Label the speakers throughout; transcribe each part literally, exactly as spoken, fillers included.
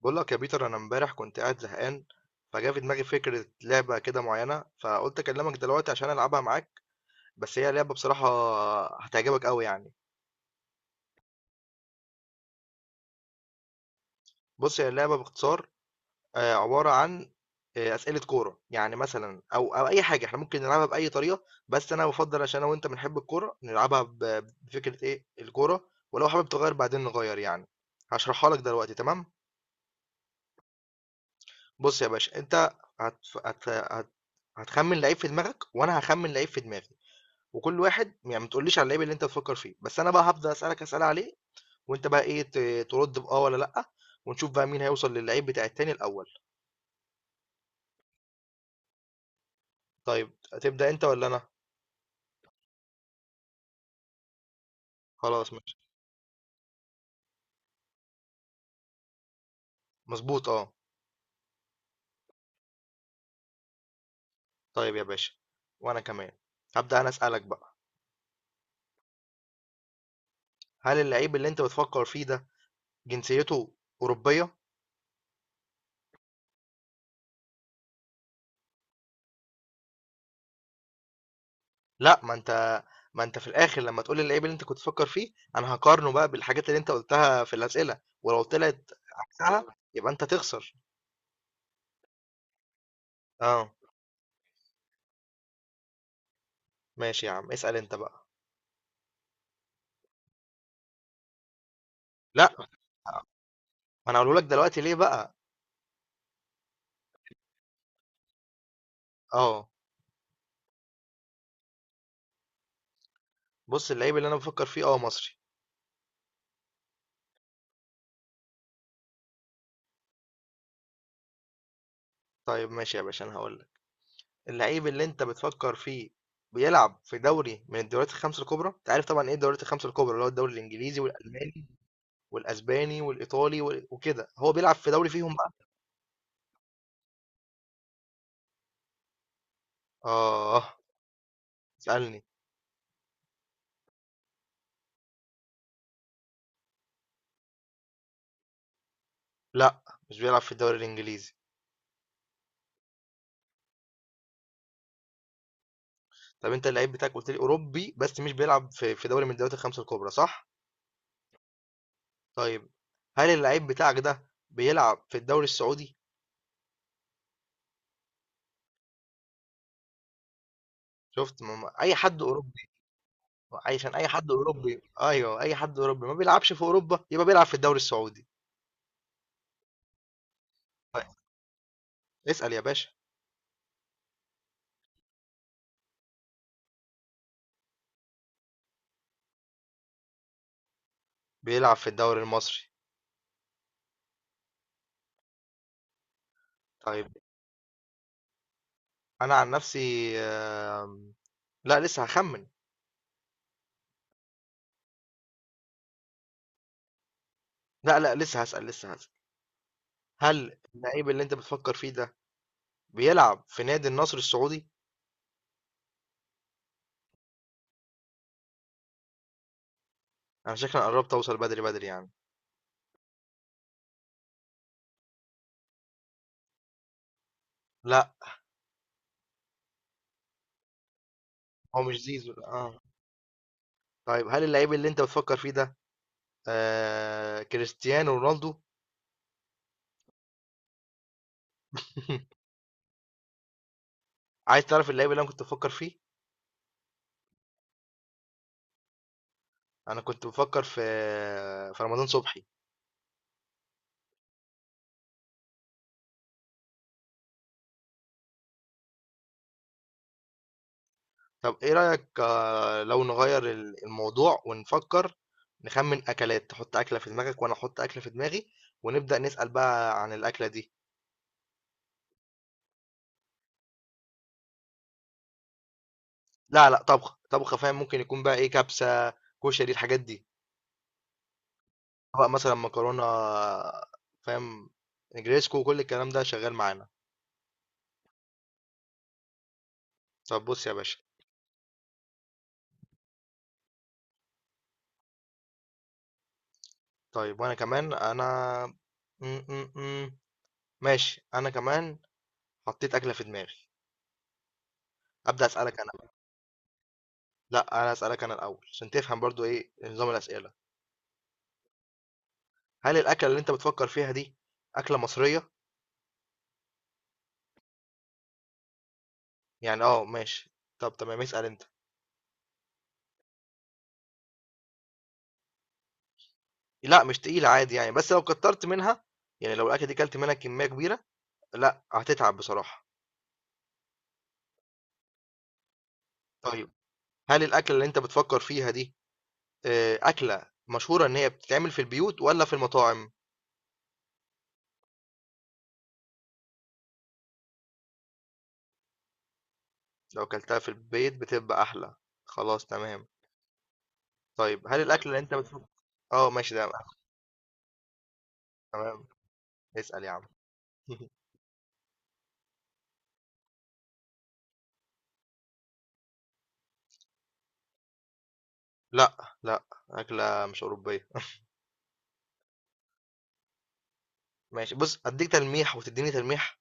Speaker 1: بقول لك يا بيتر، انا امبارح كنت قاعد زهقان. فجا في دماغي فكرة لعبة كده معينة، فقلت اكلمك دلوقتي عشان العبها معاك. بس هي لعبة بصراحة هتعجبك قوي يعني. بص هي اللعبة باختصار آه، عبارة عن آه، أسئلة كورة يعني، مثلا، أو أو أي حاجة احنا ممكن نلعبها بأي طريقة، بس أنا بفضل عشان أنا وأنت بنحب الكورة نلعبها ب- بفكرة إيه الكورة، ولو حابب تغير بعدين نغير يعني. هشرحها لك دلوقتي، تمام؟ بص يا باشا، أنت هت... هت... هت... هتخمن لعيب في دماغك وأنا هخمن لعيب في دماغي. وكل واحد يعني ما تقوليش على اللعيب اللي انت تفكر فيه، بس انا بقى هبدا اسالك اسئله عليه. وانت بقى ايه، ت- ترد باه ولا لا، ونشوف بقى مين هيوصل للعيب بتاع التاني الاول. طيب، هتبدا انت ولا انا؟ خلاص ماشي. مظبوط، اه. طيب يا باشا، وانا كمان هبدا انا اسالك بقى. هل اللعيب اللي انت بتفكر فيه ده جنسيته اوروبيه؟ لا، ما انت ما انت في الاخر لما تقول لي اللعيب اللي انت كنت تفكر فيه، انا هقارنه بقى بالحاجات اللي انت قلتها في الاسئله، ولو طلعت عكسها يبقى انت تخسر. اه ماشي، يا عم اسال انت بقى. لأ، ما أنا هاقوله لك دلوقتي ليه بقى. آه. بُص، اللعيب اللي أنا بافكّر فيه آه مصري. طيب ماشي يا باشا، أنا هاقول لك، اللعيب اللي أنت بتفكّر فيه بيلعب في دوري من الدوريات الخمس الكبرى. أنت عارف طبعًا إيه الدوريات الخمس الكبرى، اللي هو الدوري الإنجليزي والألماني والأسباني والإيطالي و وكده. هو بيلعب في دوري فيهم بقى؟ آه، اسألني. لأ، مش بيلعب في الدوري الإنجليزي. طب أنت اللعيب بتاعك قُلت لي أوروبي، بس مش بيلعب في في دوري من الدوريات ال5 الكبرى، صح؟ طيب، هل اللعيب بتاعك ده بيلعب في الدوري السعودي؟ شُفت؟ ما ما أي حد أوروبي، عشان أي حد أوروبي، أيوه، أي حد أوروبي ما بيلعبش في أوروبا يبقى بيلعب في الدوري السعودي. طيب، اسأل يا باشا. بيلعب في الدوري المصري. طيب أنا عن نفسي آمم، لأ لسه هاخمّن. لأ، لأ لسه هاسأل، لسه هاسأل. هل اللعيب اللي أنت بتفكّر فيه ده بيلعب في نادي النصر السعودي؟ أنا شكلي قرّبت أوصل بدري، بدري يعني. لأ، هو مش زيزو آه. طيب هل اللعيب اللي أنت بتفكّر فيه ده آآ، كريستيانو رونالدو؟ عايز تعرف اللعيب اللي أنا كنت بافكّر فيه؟ انا كنت بفكر في في رمضان صبحي. طب ايه رأيك، آه، لو نغير ال- الموضوع ونفكر، نخمن اكلات. تحط اكلة في دماغك وانا احط اكلة في دماغي، ونبدأ نسأل بقى عن الاكلة دي. لا لا، طبخ طبخ، فاهم. ممكن يكون بقى ايه، كبسة، كشري، الحاجات دي، بقى مثلا مكرونة، فاهم، نجريسكو وكل الكلام ده شغال معانا. طب بص يا باشا، طيب وانا كمان انا م -م -م. ماشي انا كمان حطيت اكلة في دماغي. أبدأ أسألك أنا. لا، انا اسالك انا الاول عشان تفهم برضو ايه نظام الاسئله. هل الاكله اللي انت بتفكر فيها دي اكله مصريه؟ يعني اه، ماشي. طب تمام، اسال انت. لا مش تقيله، عادي يعني، بس لو كترت منها، يعني لو الاكله دي كلت منها كميه كبيره لا هتتعب بصراحه. طيب هل الاكله اللي انت بتفكر فيها دي آه، اكله مشهوره ان هي بتتعمل في البيوت ولا في المطاعم؟ لو كلتها في البيت بتبقى احلى، خلاص تمام. طيب هل الاكله اللي انت بتفكر. اه ماشي ده. تمام، اسال يا عم. لأ، لأ، أكلة مش أوروبية. ماشي بُص، أدّيك تلميح وتدّيني تلميح.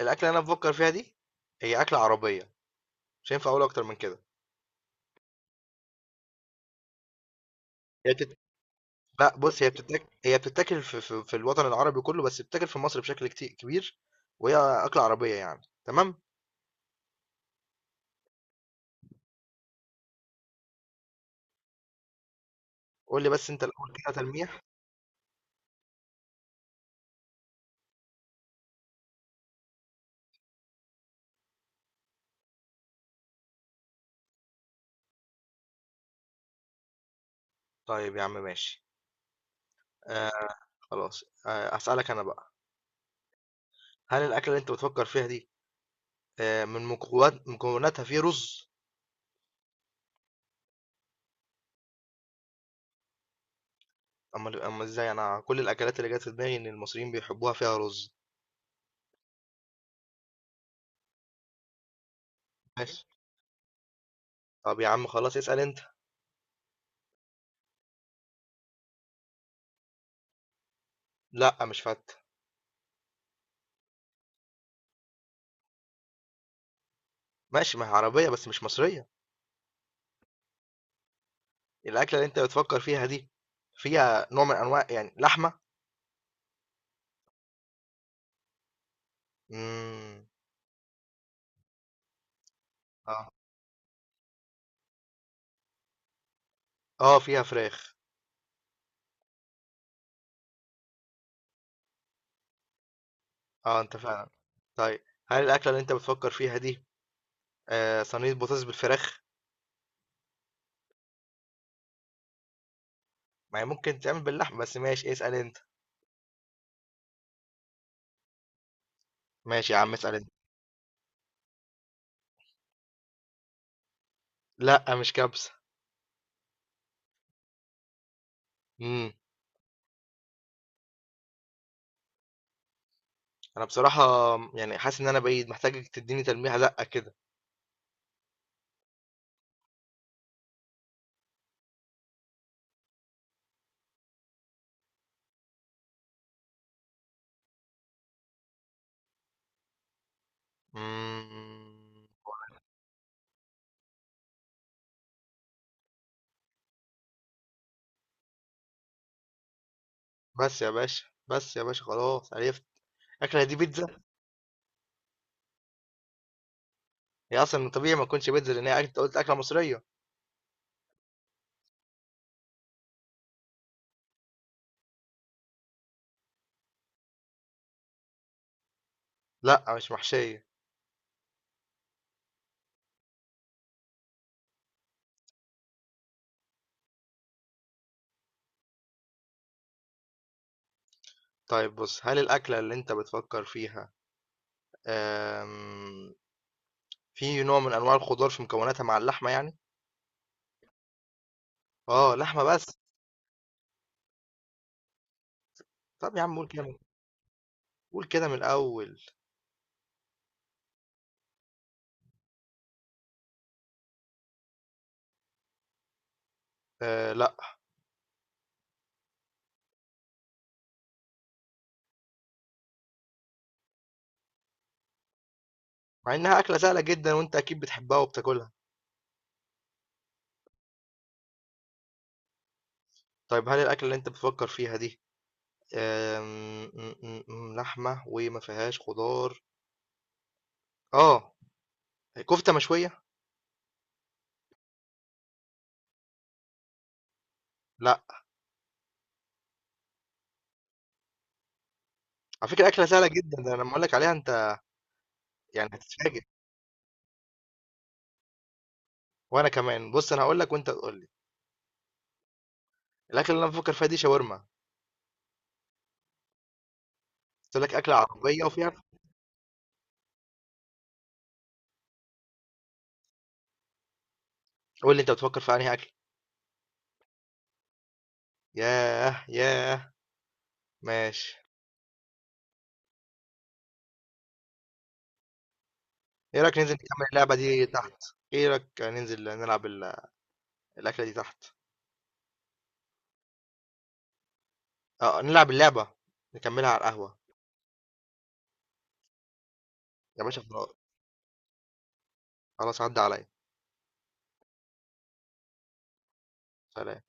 Speaker 1: الأكلة اللي أنا بافكّر فيها دي هي أكلة عربية، مش هينفع أقول أكتر من كده. هي بتت لأ بُص، هي بتتاك هي بتتاكل في في في الوطن العربي كُلّه، بس بتتاكل في مصر بشكل كتي كبير، وهي أكلة عربية يعني، تمام؟ قُل لي بس أنت الأول كده تلميح. طيب يا عم ماشي. آآ خلاص، آآ هاسألك أنا بقى. هل الأكلة اللي أنت بتفكّر فيها دي آآ من مكونات مكوناتها في رُز؟ أمّال أمّال إزاي؟ أنا كل الأكلات اللي جات في دماغي إن المصريين بيحبوها فيها رُز. ماشي. طب يا عم خلاص، اسأل أنت. لأ مش فتة. ماشي، ما هي عربية بس مش مصرية. الأكلة اللي أنت بتفكر فيها دي فيها نوع من أنواع يعني لحمة؟ امم. آه. آه فيها فراخ. آه أنت فعلًا. طيب هل الأكلة اللي أنت بتفكر فيها دي آآ صينية بطاطس بالفراخ؟ ما هي ممكن تتعمل باللحمة، بس ماشي اسأل أنت. ماشي يا عم، اسأل أنت. لأ مش كبسة. امم. أنا بصراحة يعني حاسس إن أنا بعيد، محتاجك تدّيني تلميحة دَقّة كده. امم. بس يا باشا، بس يا باشا خلاص عرفت. أكلة دي بيتزا؟ هي أصلا من طبيعي ما تكونش بيتزا لأن هي أكل- أنت قلت أكلة مصرية. لأ مش محشية. طيب بص، هل الأكلة اللي أنت بتفكر فيها أم... في نوع من أنواع الخضار في مكوناتها مع اللحمة يعني؟ آه لحمة بس. طب يا عم قول كده، قول كده من الأول. آه، لأ. مع إنها أكلة سهلة جدا وأنت أكيد بتحبها وبتاكلها. طيب هل الأكلة اللي أنت بتفكر فيها دي أم... م- م- م- لحمة وما فيهاش خضار، آه كفتة مشوية؟ لأ. على فكرة أكلة سهلة جدا، ده أنا لما أقول لك عليها أنت يعني هتتفاجئ. وانا كمان بص، انا هقول لك وانت تقول لي. الاكل اللي انا بفكر فيها دي شاورما. قلت لك اكله عربيه وفيها. قول لي انت بتفكر في انهي اكل. ياه ياه، ماشي. ايه رايك ننزل نكمل اللعبه دي تحت؟ ايه رايك ننزل نلعب ال- الاكله دي تحت. اه نلعب اللعبه نكملها على القهوه. يا باشا خلاص، خلاص عدى عليا. سلام.